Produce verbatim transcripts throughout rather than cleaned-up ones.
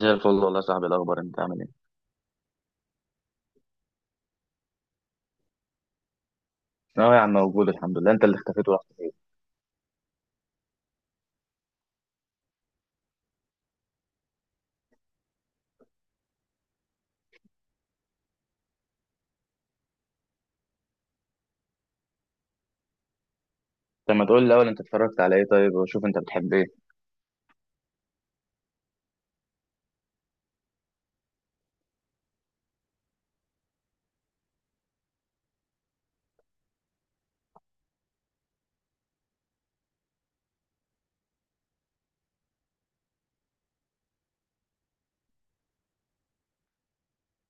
زي الفل والله يا صاحبي، الاخبار انت عامل ايه؟ اه يا عم، موجود الحمد لله، انت اللي اختفيت ورحت فين؟ طب ما تقول لي الاول انت اتفرجت على ايه طيب، وشوف انت بتحب ايه.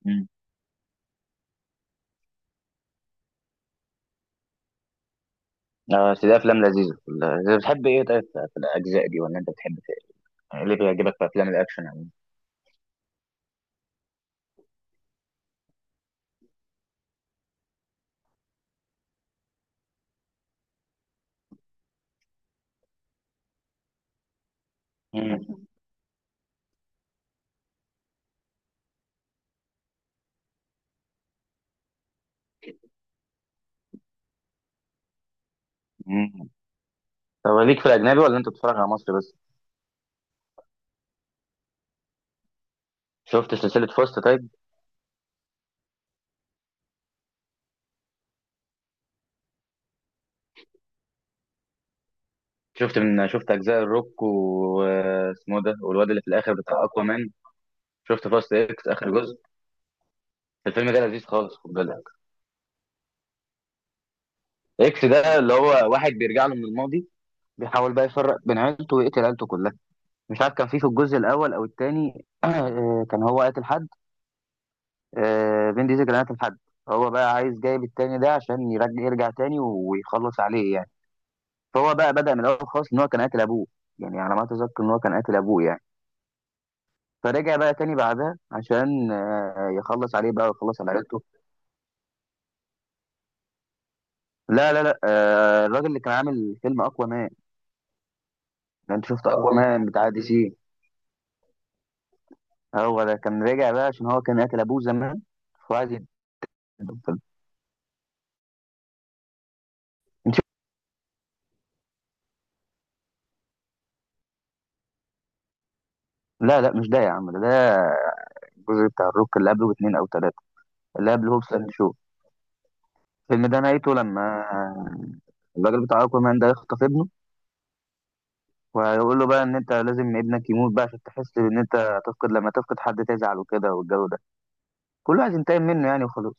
امم. اه بس دي افلام لذيذه. لا، بتحب ايه طيب في في الاجزاء دي، ولا انت بتحب ايه؟ يعني ليه بيعجبك في افلام الاكشن يعني؟ امم. امم. طب ليك في الاجنبي ولا انت بتتفرج على مصري بس؟ شفت سلسله فاست طيب؟ شفت من شفت اجزاء الروك واسمه ده، والواد اللي في الاخر بتاع اقوى مان. شفت فاست اكس اخر جزء؟ الفيلم ده لذيذ خالص، خد بالك. اكس ده اللي هو واحد بيرجع له من الماضي، بيحاول بقى يفرق بين عيلته ويقتل عيلته كلها. مش عارف كان في في الجزء الاول او الثاني كان هو قاتل حد. آه، فين ديزل كان قاتل حد. هو بقى عايز جايب التاني ده عشان يرجع يرجع تاني ويخلص عليه يعني. فهو بقى بدأ من الاول خالص ان هو كان قاتل ابوه، يعني على ما اتذكر ان هو كان قاتل ابوه يعني. فرجع بقى تاني بعدها عشان آه، يخلص عليه بقى ويخلص على عيلته. لا لا لا، آه، الراجل اللي كان عامل فيلم اقوى مان. انت شفت اقوى مان بتاع دي سي؟ هو ده كان راجع بقى عشان هو كان قاتل ابوه زمان، وعايز ينتقم. لا لا، مش ده يا عم، ده ده الجزء بتاع الروك اللي قبله باتنين او تلاتة. اللي قبل هوبس اند شو. الفيلم ده نهايته لما الراجل بتاع اكوامان ده يخطف ابنه، ويقول له بقى ان انت لازم ابنك يموت بقى عشان تحس ان انت هتفقد، لما تفقد حد تزعل وكده والجو ده، كله عايز ينتقم منه يعني وخلاص.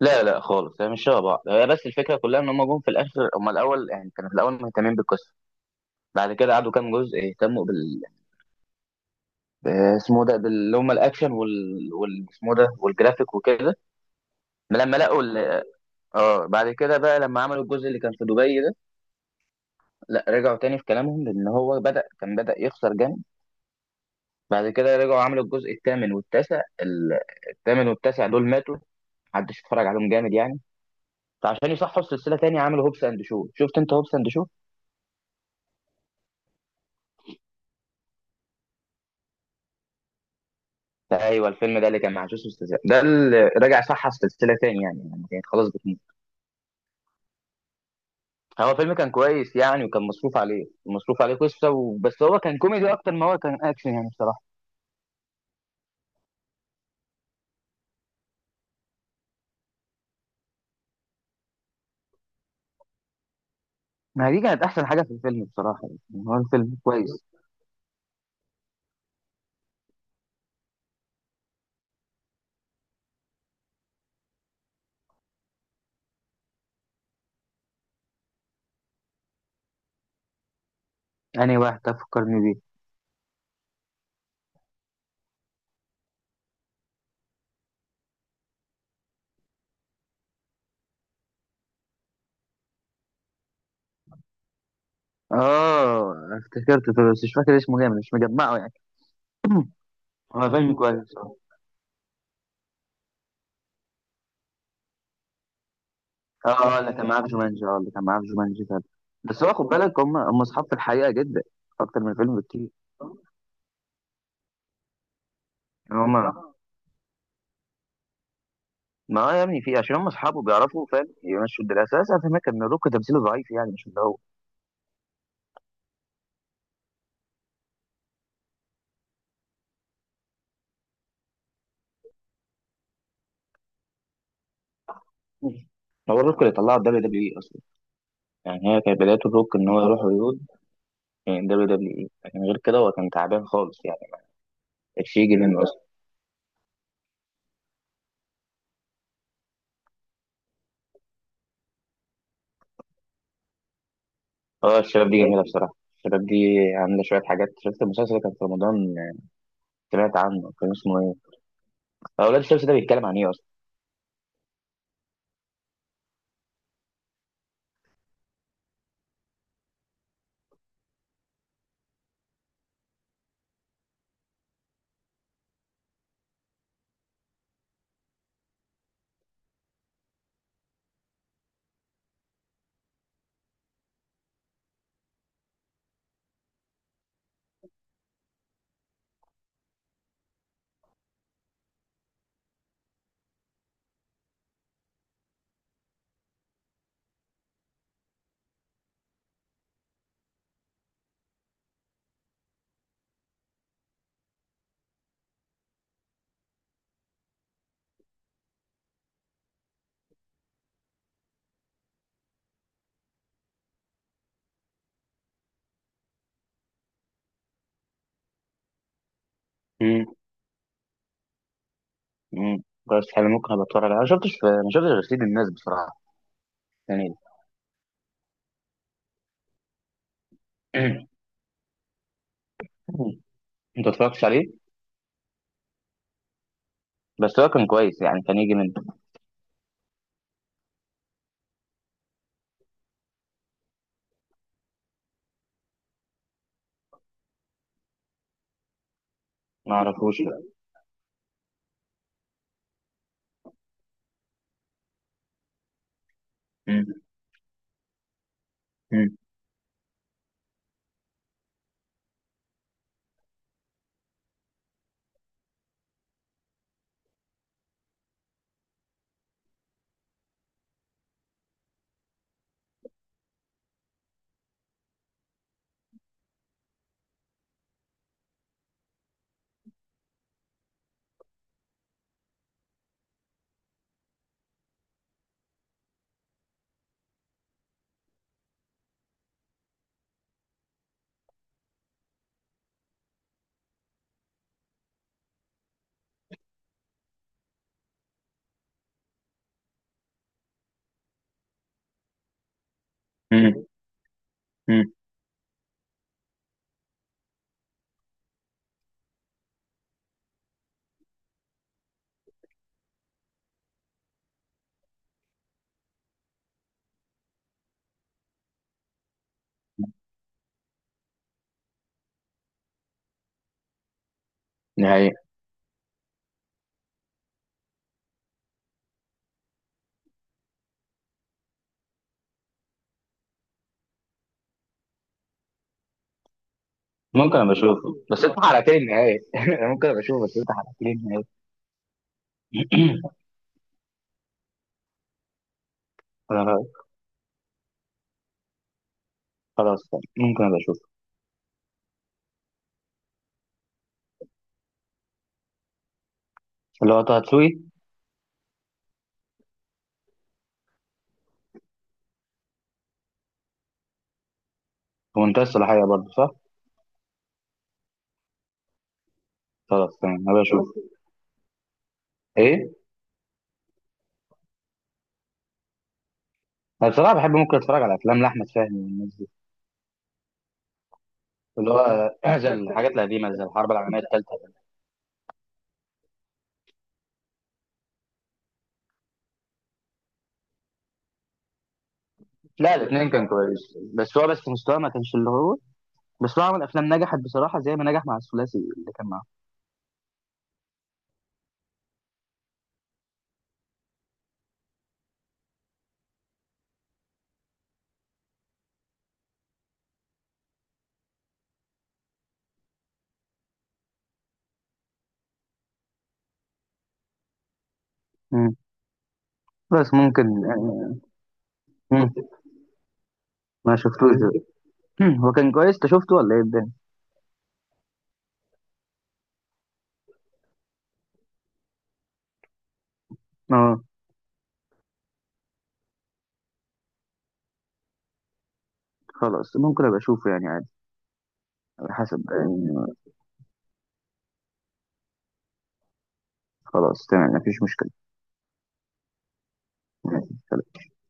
لا لا خالص، هي مش شبه بعض، هي بس الفكره كلها ان هم جم في الاخر، هم الاول يعني كانوا في الاول مهتمين بالقصه. بعد كده قعدوا كام جزء يهتموا بال ب- اسمه ده بال- اللي هم الاكشن وال, وال... اسمه ده والجرافيك وكده. لما لقوا ال- اه بعد كده بقى لما عملوا الجزء اللي كان في دبي ده، لا رجعوا تاني في كلامهم لان هو بدأ كان بدأ يخسر جامد. بعد كده رجعوا عملوا الجزء الثامن والتاسع ال- الثامن والتاسع دول ماتوا، محدش اتفرج عليهم جامد يعني. فعشان يصحوا السلسله تاني عملوا هوبس اند شو. شفت انت هوبس اند شو؟ ايوه الفيلم ده اللي كان مع جوسوس ستاثام. ده اللي رجع صح السلسله تاني، يعني يعني كانت خلاص بتموت. هو فيلم كان كويس يعني، وكان مصروف عليه مصروف عليه قصه. و... بس هو كان كوميدي اكتر ما هو كان اكشن يعني بصراحه. ما دي كانت احسن حاجه في الفيلم بصراحه يعني، هو الفيلم كويس. أنهي واحد تفكرني بيه؟ آه افتكرته بس مش فاكر اسمه جامد، مش مجمعه يعني. هو فيلم كويس اه. اه اللي كان معاه في جومانجي، اه اللي كان معاه في جومانجي فعلا. بس هو خد بالك، هم هم أصحاب في الحقيقة جدا، أكتر من الفيلم بكتير. هما. ما هو يا ابني في عشان هم أصحابه بيعرفوا فاهم يمشوا الدنيا، أساسا أفهمك إن روك تمثيله ضعيف يعني مش اللي هو. هو الروك اللي طلعه دبليو دبليو اي اصلا، يعني هي كانت بدايه الروك ان هو يروح هوليوود من دبليو دبليو اي، لكن غير كده هو كان تعبان خالص يعني. الشيء يجي منه. اه الشباب دي جميلة بصراحة، الشباب دي عاملة شوية حاجات. شفت المسلسل اللي كان في رمضان، سمعت عنه كان اسمه ايه؟ آه، أولاد الشمس ده بيتكلم عن ايه أصلا؟ امم. امم. خلاص حلو، ممكن ابقى اتفرج عليه. انا ما شفتش ما شفتش غير سيد الناس بصراحة يعني. انت متفرجتش عليه؟ بس هو كان كويس يعني، كان يجي منه. ما اعرفوش لا. امم. امم. امم. امم. نهاية. ممكن ابقى اشوفه بس انت حرقت لي النهاية. أنا ممكن ابقى اشوفه بس انت حرقت لي النهاية. أنا خلاص، ممكن ابقى اشوفه. اللي هو طه دسوقي؟ في منتهى الصلاحية برضه صح؟ خلاص تمام هبقى اشوف. ايه. انا بصراحه بحب، ممكن اتفرج على افلام لاحمد فهمي والناس دي، اللي هو زي الحاجات القديمه زي الحرب العالميه الثالثه. لا الاثنين كان كويس، بس هو بس مستواه ما كانش اللي هو. بس هو عمل افلام نجحت بصراحه زي ما نجح مع الثلاثي اللي كان معاه. مم. بس ممكن. مم. ما شفتوش. مم. هو كان كويس، انت شفته ولا ايه الدنيا؟ اه. خلاص ممكن ابقى اشوفه يعني، عادي على حسب يعني. خلاص تمام مفيش مشكله. ماشي، سلام.